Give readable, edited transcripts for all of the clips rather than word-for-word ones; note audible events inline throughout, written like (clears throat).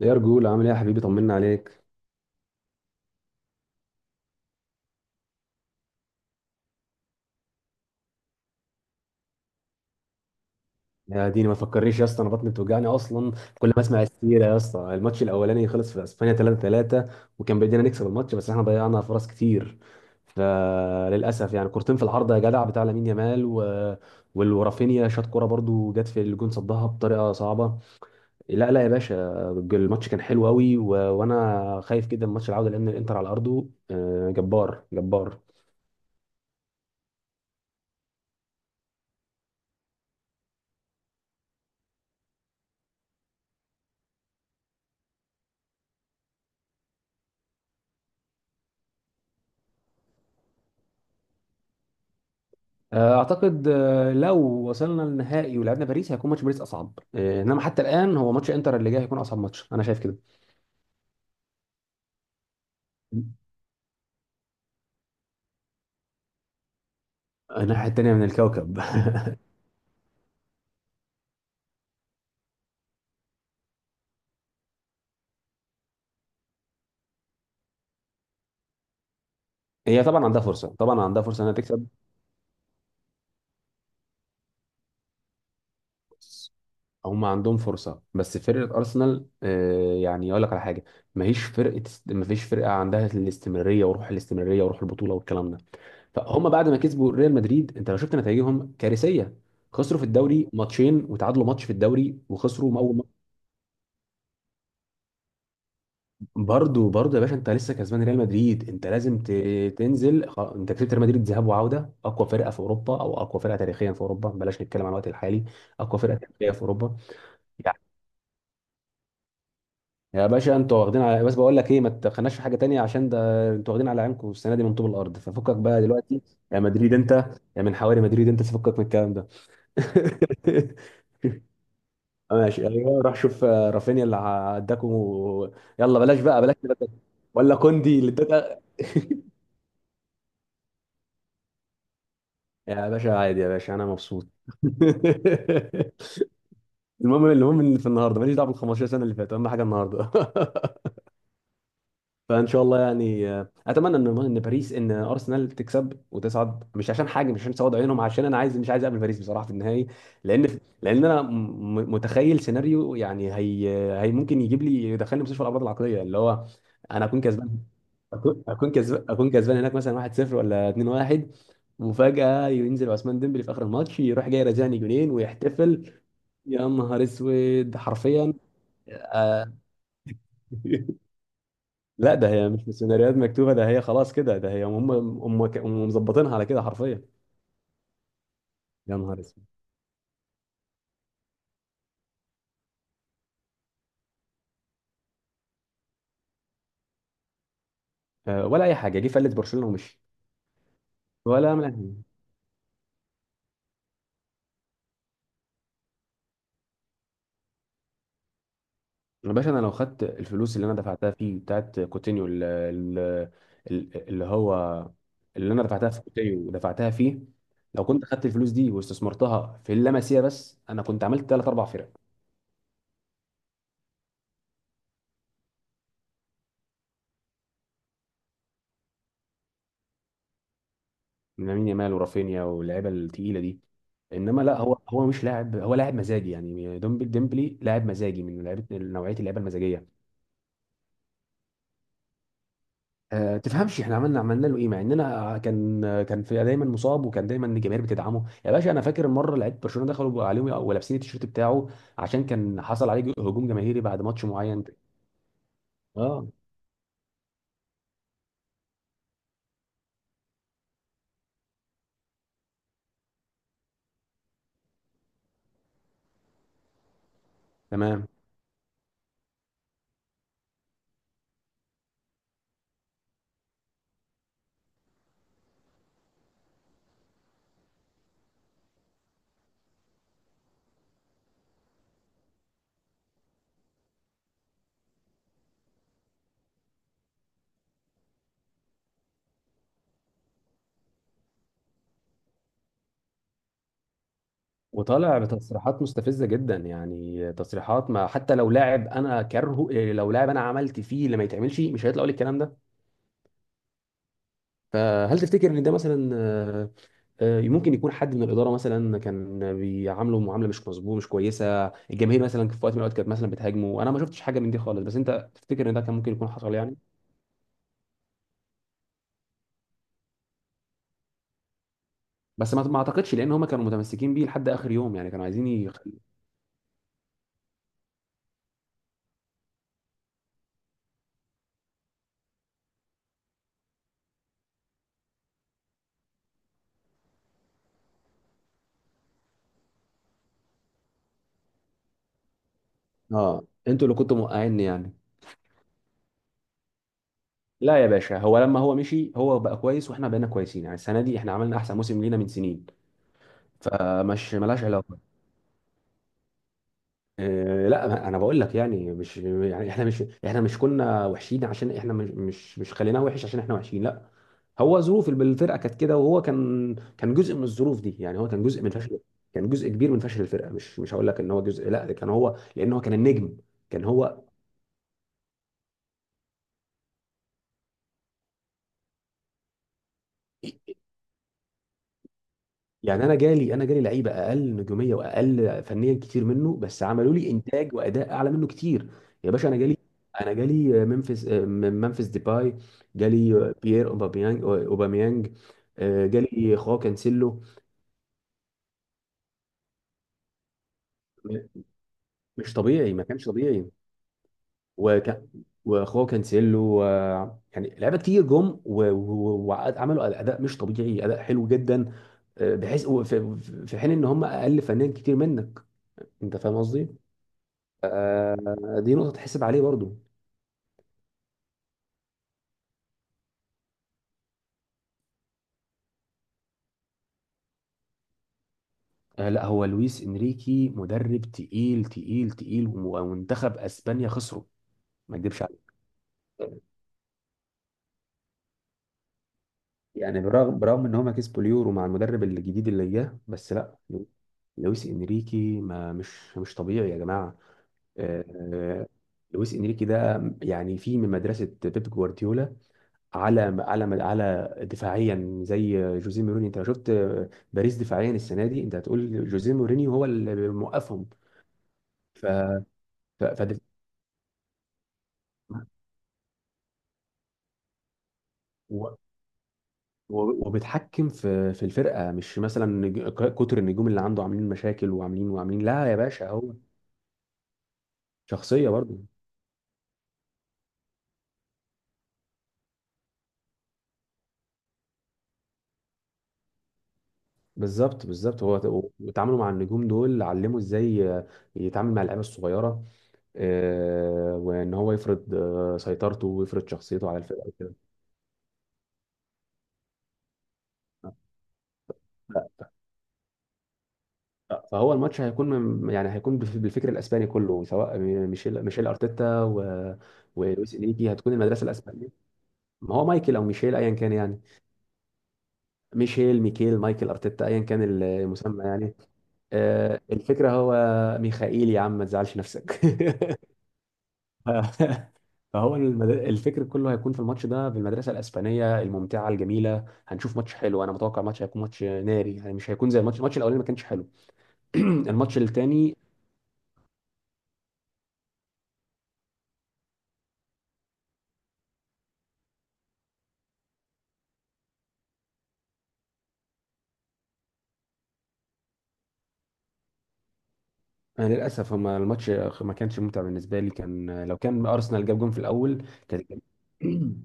يا رجول، عامل ايه يا حبيبي؟ طمنا عليك. يا ديني ما تفكرنيش يا اسطى، انا بطني بتوجعني اصلا. كل ما اسمع السيره يا اسطى. الماتش الاولاني خلص في اسبانيا 3-3، وكان بايدينا نكسب الماتش بس احنا ضيعنا فرص كتير. فللاسف يعني كورتين في العارضه يا جدع بتاع لامين يامال ورافينيا شاط كوره برضو جت في الجون صدها بطريقه صعبه. لا لا يا باشا، الماتش كان حلو قوي وانا خايف جدا من ماتش العوده لان الانتر على ارضه جبار جبار. اعتقد لو وصلنا للنهائي ولعبنا باريس هيكون ماتش باريس اصعب، انما حتى الان هو ماتش انتر اللي جاي هيكون اصعب ماتش، انا شايف كده. الناحيه التانيه من الكوكب (laughs) هي طبعا عندها فرصه، طبعا عندها فرصه انها تكسب. هم عندهم فرصه بس فرقه ارسنال، يعني اقول لك على حاجه. ماهيش فرقه، مفيش فرقه عندها الاستمراريه وروح الاستمراريه وروح البطوله والكلام ده. فهم بعد ما كسبوا ريال مدريد انت لو شفت نتائجهم كارثيه. خسروا في الدوري ماتشين وتعادلوا ماتش في الدوري وخسروا اول. برضو برضو يا باشا، انت لسه كسبان ريال مدريد، انت لازم تنزل انت كسبت ريال مدريد ذهاب وعوده، اقوى فرقه في اوروبا، او اقوى فرقه تاريخيا في اوروبا، بلاش نتكلم عن الوقت الحالي. اقوى فرقه تاريخيا في اوروبا. يعني يا باشا انتوا واخدين على، بس بقول لك ايه، ما تخناش في حاجه تانية عشان ده انتوا واخدين على عينكم السنه دي من طوب الارض، ففكك بقى دلوقتي. يا مدريد انت، يا من حواري مدريد انت تفكك من الكلام ده. (laughs) ماشي، ايوه روح شوف رافينيا اللي عداكم يلا بلاش بقى بلاش بلاش. ولا كوندي اللي اداك. (laughs) يا باشا عادي، يا باشا انا مبسوط. (laughs) المهم، المهم ان في النهارده ماليش دعوه بال 15 سنه اللي فاتت، اهم حاجه النهارده. (laughs) فان شاء الله يعني، اتمنى ان باريس، ان ارسنال تكسب وتصعد، مش عشان حاجه، مش عشان سواد عيونهم، عشان انا عايز، مش عايز اقابل باريس بصراحه في النهائي. لان لان انا متخيل سيناريو، يعني هي، هي ممكن يجيب لي يدخلني مستشفى الامراض العقليه، اللي هو انا اكون كسبان، اكون كسبان، اكون كسبان هناك مثلا 1-0 ولا 2-1، وفجأة ينزل عثمان ديمبلي في آخر الماتش يروح جاي رازعني جولين ويحتفل. يا نهار اسود حرفيا. آه. (laughs) لا، ده هي مش سيناريوهات مكتوبة، ده هي خلاص كده، ده هي هم مظبطينها على كده حرفيا. يا نهار اسود. آه ولا أي حاجة، جه فلت برشلونة ومشي ولا عمل. يا باشا انا لو خدت الفلوس اللي انا دفعتها فيه بتاعت كوتينيو اللي هو، اللي انا دفعتها في كوتينيو ودفعتها فيه، لو كنت خدت الفلوس دي واستثمرتها في اللمسيه بس انا كنت عملت ثلاث اربع فرق. من لامين يامال ورافينيا واللعيبه التقيله دي. انما لا، هو مش لاعب، هو لاعب مزاجي يعني. ديمبلي ديمبلي لاعب مزاجي، من لعيبه نوعيه اللعيبه المزاجيه. تفهمش احنا عملنا له ايه، مع اننا كان في دايما مصاب، وكان دايما الجماهير بتدعمه، يا باشا انا فاكر مره لعيب برشلونه دخلوا عليهم ولابسين التيشيرت بتاعه عشان كان حصل عليه هجوم جماهيري بعد ماتش معين. اه تمام. وطالع بتصريحات مستفزه جدا، يعني تصريحات، ما حتى لو لاعب انا كرهه إيه، لو لاعب انا عملت فيه اللي ما يتعملش مش هيطلع يقول الكلام ده. فهل تفتكر ان ده مثلا، ممكن يكون حد من الاداره مثلا كان بيعامله معامله مش مظبوطه مش كويسه، الجماهير مثلا في وقت من الاوقات كانت مثلا بتهاجمه، انا ما شفتش حاجه من دي خالص، بس انت تفتكر ان ده كان ممكن يكون حصل يعني؟ بس ما اعتقدش لان هم كانوا متمسكين بيه لحد اخر يوم، يعني كانوا عايزين اه انتوا اللي كنتوا موقعيني يعني. لا يا باشا، هو لما هو مشي هو بقى كويس واحنا بقينا كويسين، يعني السنه دي احنا عملنا احسن موسم لينا من سنين، فمش ملهاش علاقه. لا انا بقول لك يعني، مش يعني احنا مش، احنا مش كنا وحشين عشان احنا مش خليناه وحش عشان احنا وحشين، لا. هو ظروف الفرقه كانت كده، وهو كان جزء من الظروف دي، يعني هو كان جزء من فشل. كان جزء كبير من فشل الفرقه، مش هقول لك ان هو جزء، لا ده كان هو، لان هو كان النجم. كان هو، يعني انا جالي لعيبه اقل نجوميه واقل فنيا كتير منه بس عملوا لي انتاج واداء اعلى منه كتير. يا باشا انا جالي ممفيس ديباي، جالي بيير اوباميانج اوباميانج، جالي خواو كانسيلو. مش طبيعي، ما كانش طبيعي. وكان، وخواو كانسيلو يعني لعيبه كتير جم وعملوا اداء مش طبيعي، اداء حلو جدا، بحيث في، في حين ان هم اقل فنيا كتير منك. انت فاهم قصدي؟ دي نقطة تحسب عليه برضو. آه، لا هو لويس انريكي مدرب تقيل تقيل تقيل ومنتخب اسبانيا خسره، ما اكدبش عليه. يعني برغم ان هما كسبوا اليورو مع المدرب الجديد اللي جه، بس لا لو- لويس انريكي، ما مش مش طبيعي يا جماعة. آه، آه، لويس انريكي ده يعني في من مدرسة بيب جوارديولا، على على دفاعيا زي جوزيه مورينيو. انت لو شفت باريس دفاعيا السنة دي انت هتقول جوزيه مورينيو هو اللي موقفهم. ف ف- فدف... و... وبتحكم في الفرقه، مش مثلا كتر النجوم اللي عنده عاملين مشاكل وعاملين، لا يا باشا. هو شخصيه برضه. بالظبط بالظبط، هو وتعامله مع النجوم دول علمه ازاي يتعامل مع اللعيبه الصغيره، وان هو يفرض سيطرته ويفرض شخصيته على الفرقه وكده. ف- فهو الماتش هيكون يعني هيكون بالفكر الاسباني كله، سواء ميشيل ارتيتا ولويس انيكي، هتكون المدرسه الاسبانيه. ما هو مايكل او ميشيل ايا كان يعني. ميشيل ميكيل مايكل ارتيتا ايا كان المسمى يعني. الفكره هو، ميخائيل يا عم ما تزعلش نفسك. (laughs) ف- فهو الفكر كله هيكون في الماتش ده بالمدرسه الاسبانيه الممتعه الجميله. هنشوف ماتش حلو، انا متوقع ماتش هيكون ماتش ناري، يعني مش هيكون زي الماتش الاولاني ما كانش حلو. (clears throat) الماتش الثاني. أنا للأسف، هما الماتش ما كانش ممتع بالنسبة لي، كان لو كان أرسنال جاب جون في الأول كان. (clears throat)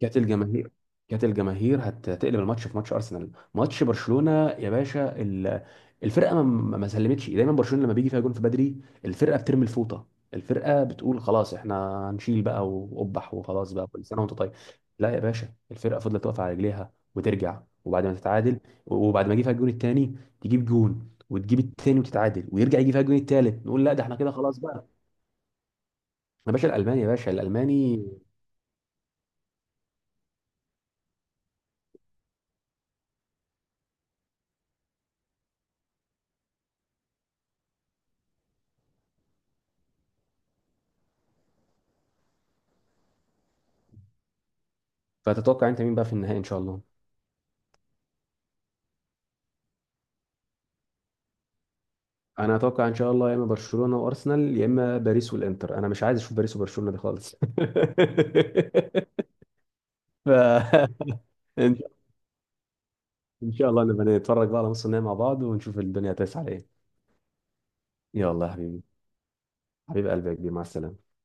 كانت الجماهير كانت الجماهير هتقلب الماتش في ماتش ارسنال، ماتش برشلونه يا باشا. الفرقه ما سلمتش، دايما برشلونه لما بيجي فيها جون في بدري الفرقه بترمي الفوطه. الفرقه بتقول خلاص احنا هنشيل بقى وقبح، وخلاص بقى كل سنه وانت طيب. لا يا باشا، الفرقه فضلت واقفه على رجليها وترجع، وبعد ما تتعادل، وبعد ما يجي فيها الجون الثاني تجيب جون وتجيب التاني وتتعادل، ويرجع يجي فيها الجون التالت نقول لا ده احنا كده خلاص بقى. يا باشا الالماني، يا باشا الالماني. فتتوقع انت مين بقى في النهائي ان شاء الله؟ انا اتوقع ان شاء الله يا اما برشلونه وارسنال، يا اما باريس والانتر. انا مش عايز اشوف باريس وبرشلونه دي خالص. (laughs) ف ان إن شاء الله نبقى نتفرج بقى على نص النهائي مع بعض ونشوف الدنيا هتسعى على ايه. يلا يا حبيبي، حبيب قلبي يا كبير، مع السلامه.